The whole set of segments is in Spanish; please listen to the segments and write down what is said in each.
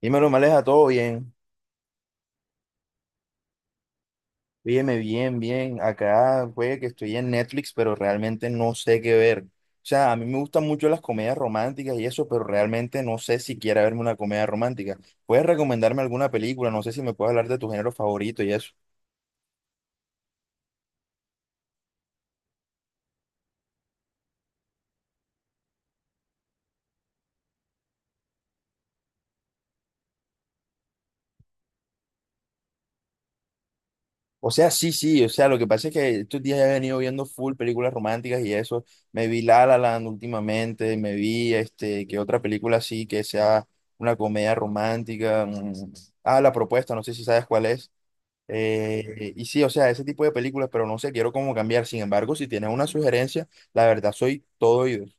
Dímelo, Maleja, todo bien. Óyeme, bien, bien. Acá, güey, que estoy en Netflix, pero realmente no sé qué ver. O sea, a mí me gustan mucho las comedias románticas y eso, pero realmente no sé si quiera verme una comedia romántica. ¿Puedes recomendarme alguna película? No sé si me puedes hablar de tu género favorito y eso. O sea, sí, sí. O sea, lo que pasa es que estos días he venido viendo full películas románticas y eso. Me vi La La Land últimamente, me vi, que otra película así que sea una comedia romántica. Mm. Ah, La Propuesta, no sé si sabes cuál es. Y sí, o sea, ese tipo de películas, pero no sé, quiero como cambiar. Sin embargo, si tienes una sugerencia, la verdad soy todo oídos.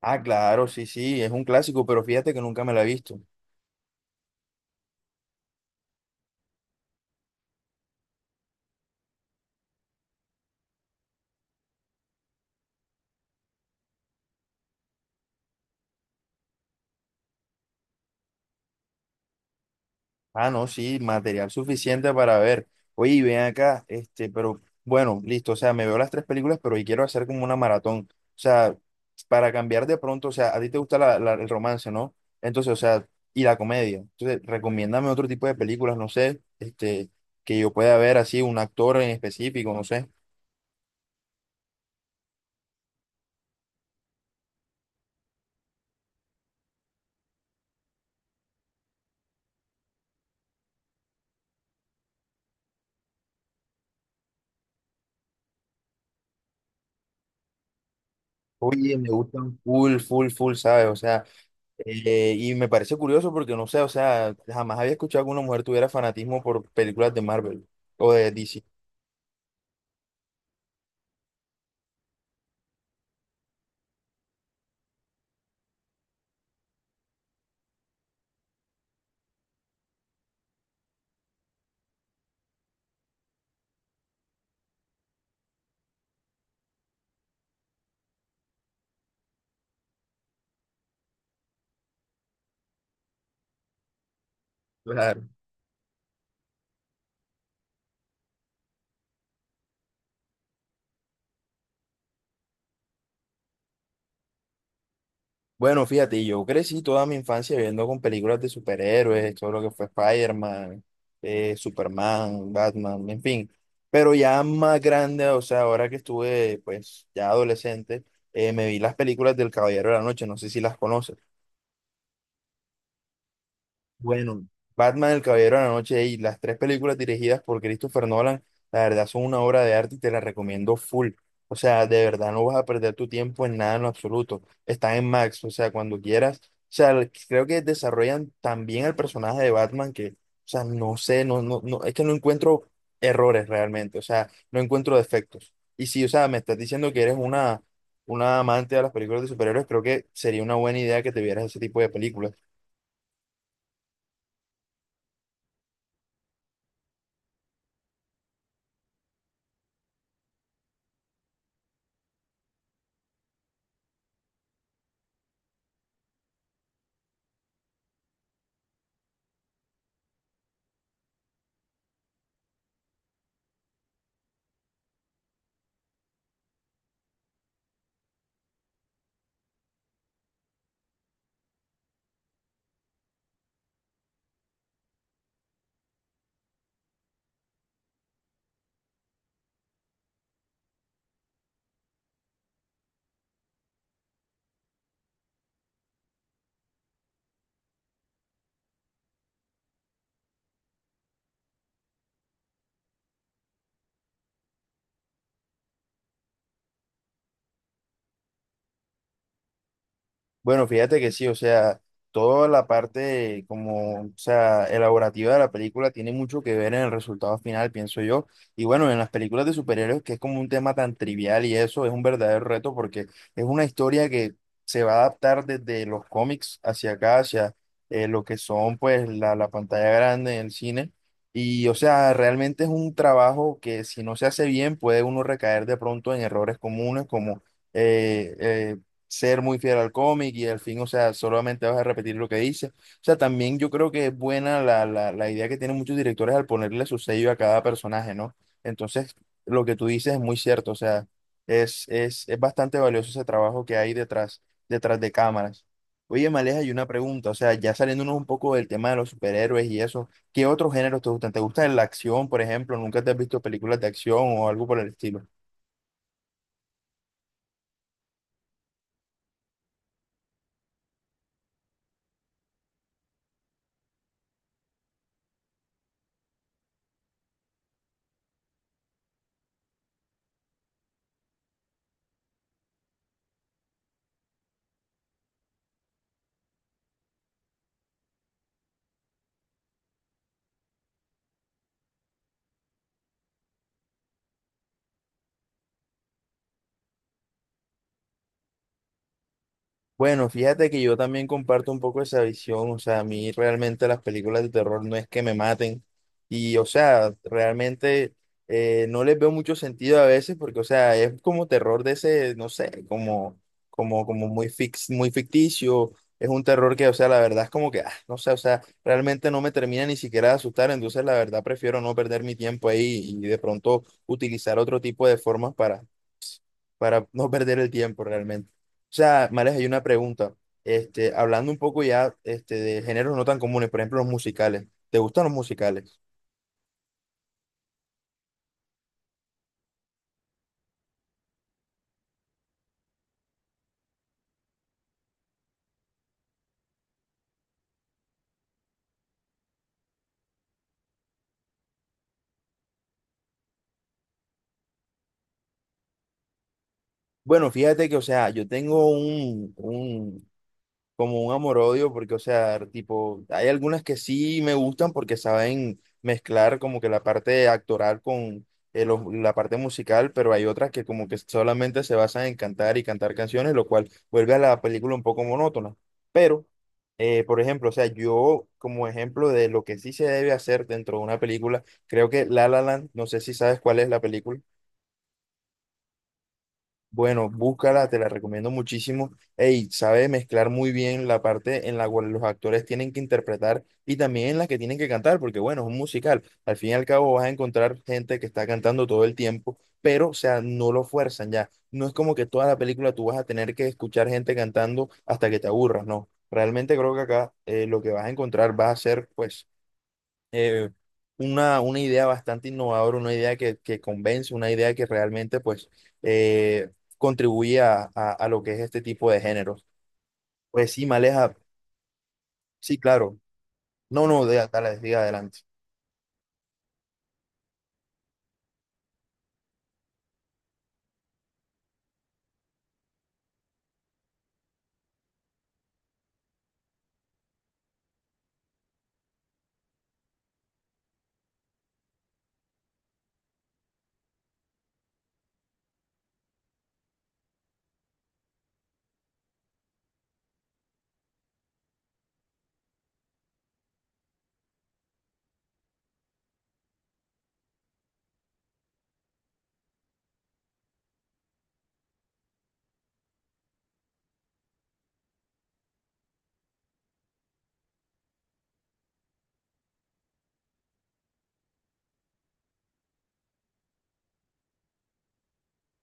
Ah, claro, sí, sí, es un clásico, pero fíjate que nunca me la he visto. Ah, no, sí, material suficiente para ver. Oye, y ven acá, pero bueno, listo, o sea, me veo las tres películas, pero hoy quiero hacer como una maratón. O sea, para cambiar de pronto, o sea, a ti te gusta el romance, ¿no? Entonces, o sea, y la comedia. Entonces, recomiéndame otro tipo de películas, no sé, que yo pueda ver así, un actor en específico, no sé. Oye, me gustan full, full, full, ¿sabes? O sea, y me parece curioso porque no sé, o sea, jamás había escuchado que una mujer tuviera fanatismo por películas de Marvel o de DC. Claro. Bueno, fíjate, yo crecí toda mi infancia viendo con películas de superhéroes, todo lo que fue Spider-Man, Superman, Batman, en fin. Pero ya más grande, o sea, ahora que estuve, pues, ya adolescente, me vi las películas del Caballero de la Noche, no sé si las conoces. Bueno, Batman, El Caballero de la Noche y las tres películas dirigidas por Christopher Nolan, la verdad son una obra de arte y te la recomiendo full. O sea, de verdad no vas a perder tu tiempo en nada en lo absoluto. Están en Max, o sea, cuando quieras. O sea, creo que desarrollan tan bien el personaje de Batman que, o sea, no sé, no, no, no, es que no encuentro errores realmente, o sea, no encuentro defectos. Y si, o sea, me estás diciendo que eres una amante de las películas de superhéroes, creo que sería una buena idea que te vieras ese tipo de películas. Bueno, fíjate que sí, o sea, toda la parte como, o sea, elaborativa de la película tiene mucho que ver en el resultado final, pienso yo. Y bueno, en las películas de superhéroes, que es como un tema tan trivial y eso es un verdadero reto porque es una historia que se va a adaptar desde los cómics hacia acá, hacia lo que son pues la pantalla grande en el cine. Y o sea, realmente es un trabajo que si no se hace bien puede uno recaer de pronto en errores comunes como... eh, eh, ser muy fiel al cómic y al fin, o sea, solamente vas a repetir lo que dice. O sea, también yo creo que es buena la idea que tienen muchos directores al ponerle su sello a cada personaje, ¿no? Entonces, lo que tú dices es muy cierto, o sea, es bastante valioso ese trabajo que hay detrás, detrás de cámaras. Oye, Maleja, hay una pregunta, o sea, ya saliéndonos un poco del tema de los superhéroes y eso, ¿qué otros géneros te gustan? ¿Te gusta la acción, por ejemplo? ¿Nunca te has visto películas de acción o algo por el estilo? Bueno, fíjate que yo también comparto un poco esa visión, o sea, a mí realmente las películas de terror no es que me maten y, o sea, realmente no les veo mucho sentido a veces porque, o sea, es como terror de ese, no sé, como muy fix, muy ficticio, es un terror que, o sea, la verdad es como que, ah, no sé, o sea, realmente no me termina ni siquiera de asustar, entonces la verdad prefiero no perder mi tiempo ahí y de pronto utilizar otro tipo de formas para no perder el tiempo realmente. O sea, Mares, hay una pregunta. Hablando un poco ya de géneros no tan comunes, por ejemplo, los musicales. ¿Te gustan los musicales? Bueno, fíjate que, o sea, yo tengo como un amor-odio, porque, o sea, tipo, hay algunas que sí me gustan porque saben mezclar como que la parte actoral con la parte musical, pero hay otras que como que solamente se basan en cantar y cantar canciones, lo cual vuelve a la película un poco monótona. Pero, por ejemplo, o sea, yo como ejemplo de lo que sí se debe hacer dentro de una película, creo que La La Land, no sé si sabes cuál es la película. Bueno, búscala, te la recomiendo muchísimo. Ey, sabe mezclar muy bien la parte en la cual los actores tienen que interpretar y también en la que tienen que cantar, porque bueno, es un musical. Al fin y al cabo vas a encontrar gente que está cantando todo el tiempo, pero o sea, no lo fuerzan ya. No es como que toda la película tú vas a tener que escuchar gente cantando hasta que te aburras, no. Realmente creo que acá lo que vas a encontrar va a ser pues eh, una idea bastante innovadora, una idea que convence, una idea que realmente pues eh, contribuye a, a lo que es este tipo de géneros. Pues sí, Maleja, sí, claro. No, no, dale, siga adelante.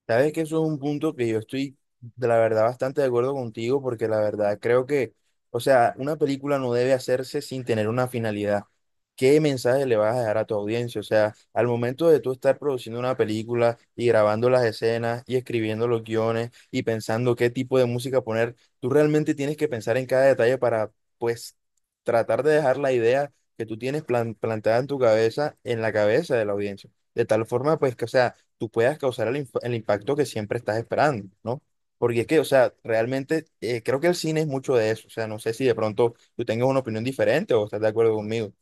Sabes que eso es un punto que yo estoy, de la verdad, bastante de acuerdo contigo, porque la verdad creo que, o sea, una película no debe hacerse sin tener una finalidad. ¿Qué mensaje le vas a dejar a tu audiencia? O sea, al momento de tú estar produciendo una película y grabando las escenas y escribiendo los guiones y pensando qué tipo de música poner, tú realmente tienes que pensar en cada detalle para, pues, tratar de dejar la idea que tú tienes plantada en tu cabeza, en la cabeza de la audiencia. De tal forma, pues, que, o sea, tú puedas causar el, el impacto que siempre estás esperando, ¿no? Porque es que, o sea, realmente creo que el cine es mucho de eso. O sea, no sé si de pronto tú tengas una opinión diferente o estás de acuerdo conmigo.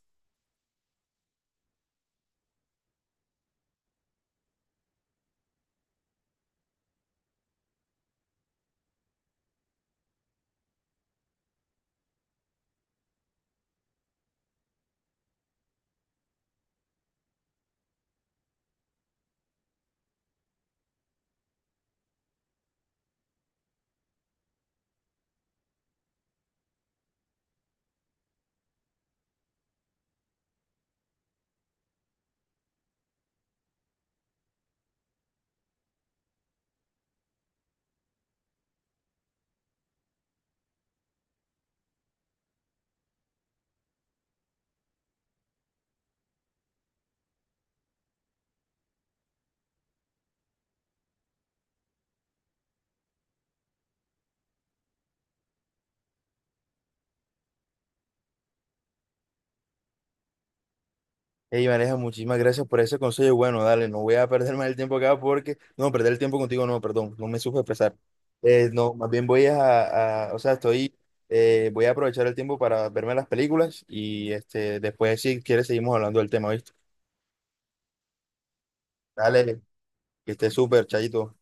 Ey, Vanessa, muchísimas gracias por ese consejo. Y bueno, dale, no voy a perder más el tiempo acá porque, no, perder el tiempo contigo, no, perdón, no me supe expresar. No, más bien voy a, o sea, estoy, voy a aprovechar el tiempo para verme las películas y después si quieres seguimos hablando del tema, ¿viste? Dale, que esté súper, chayito.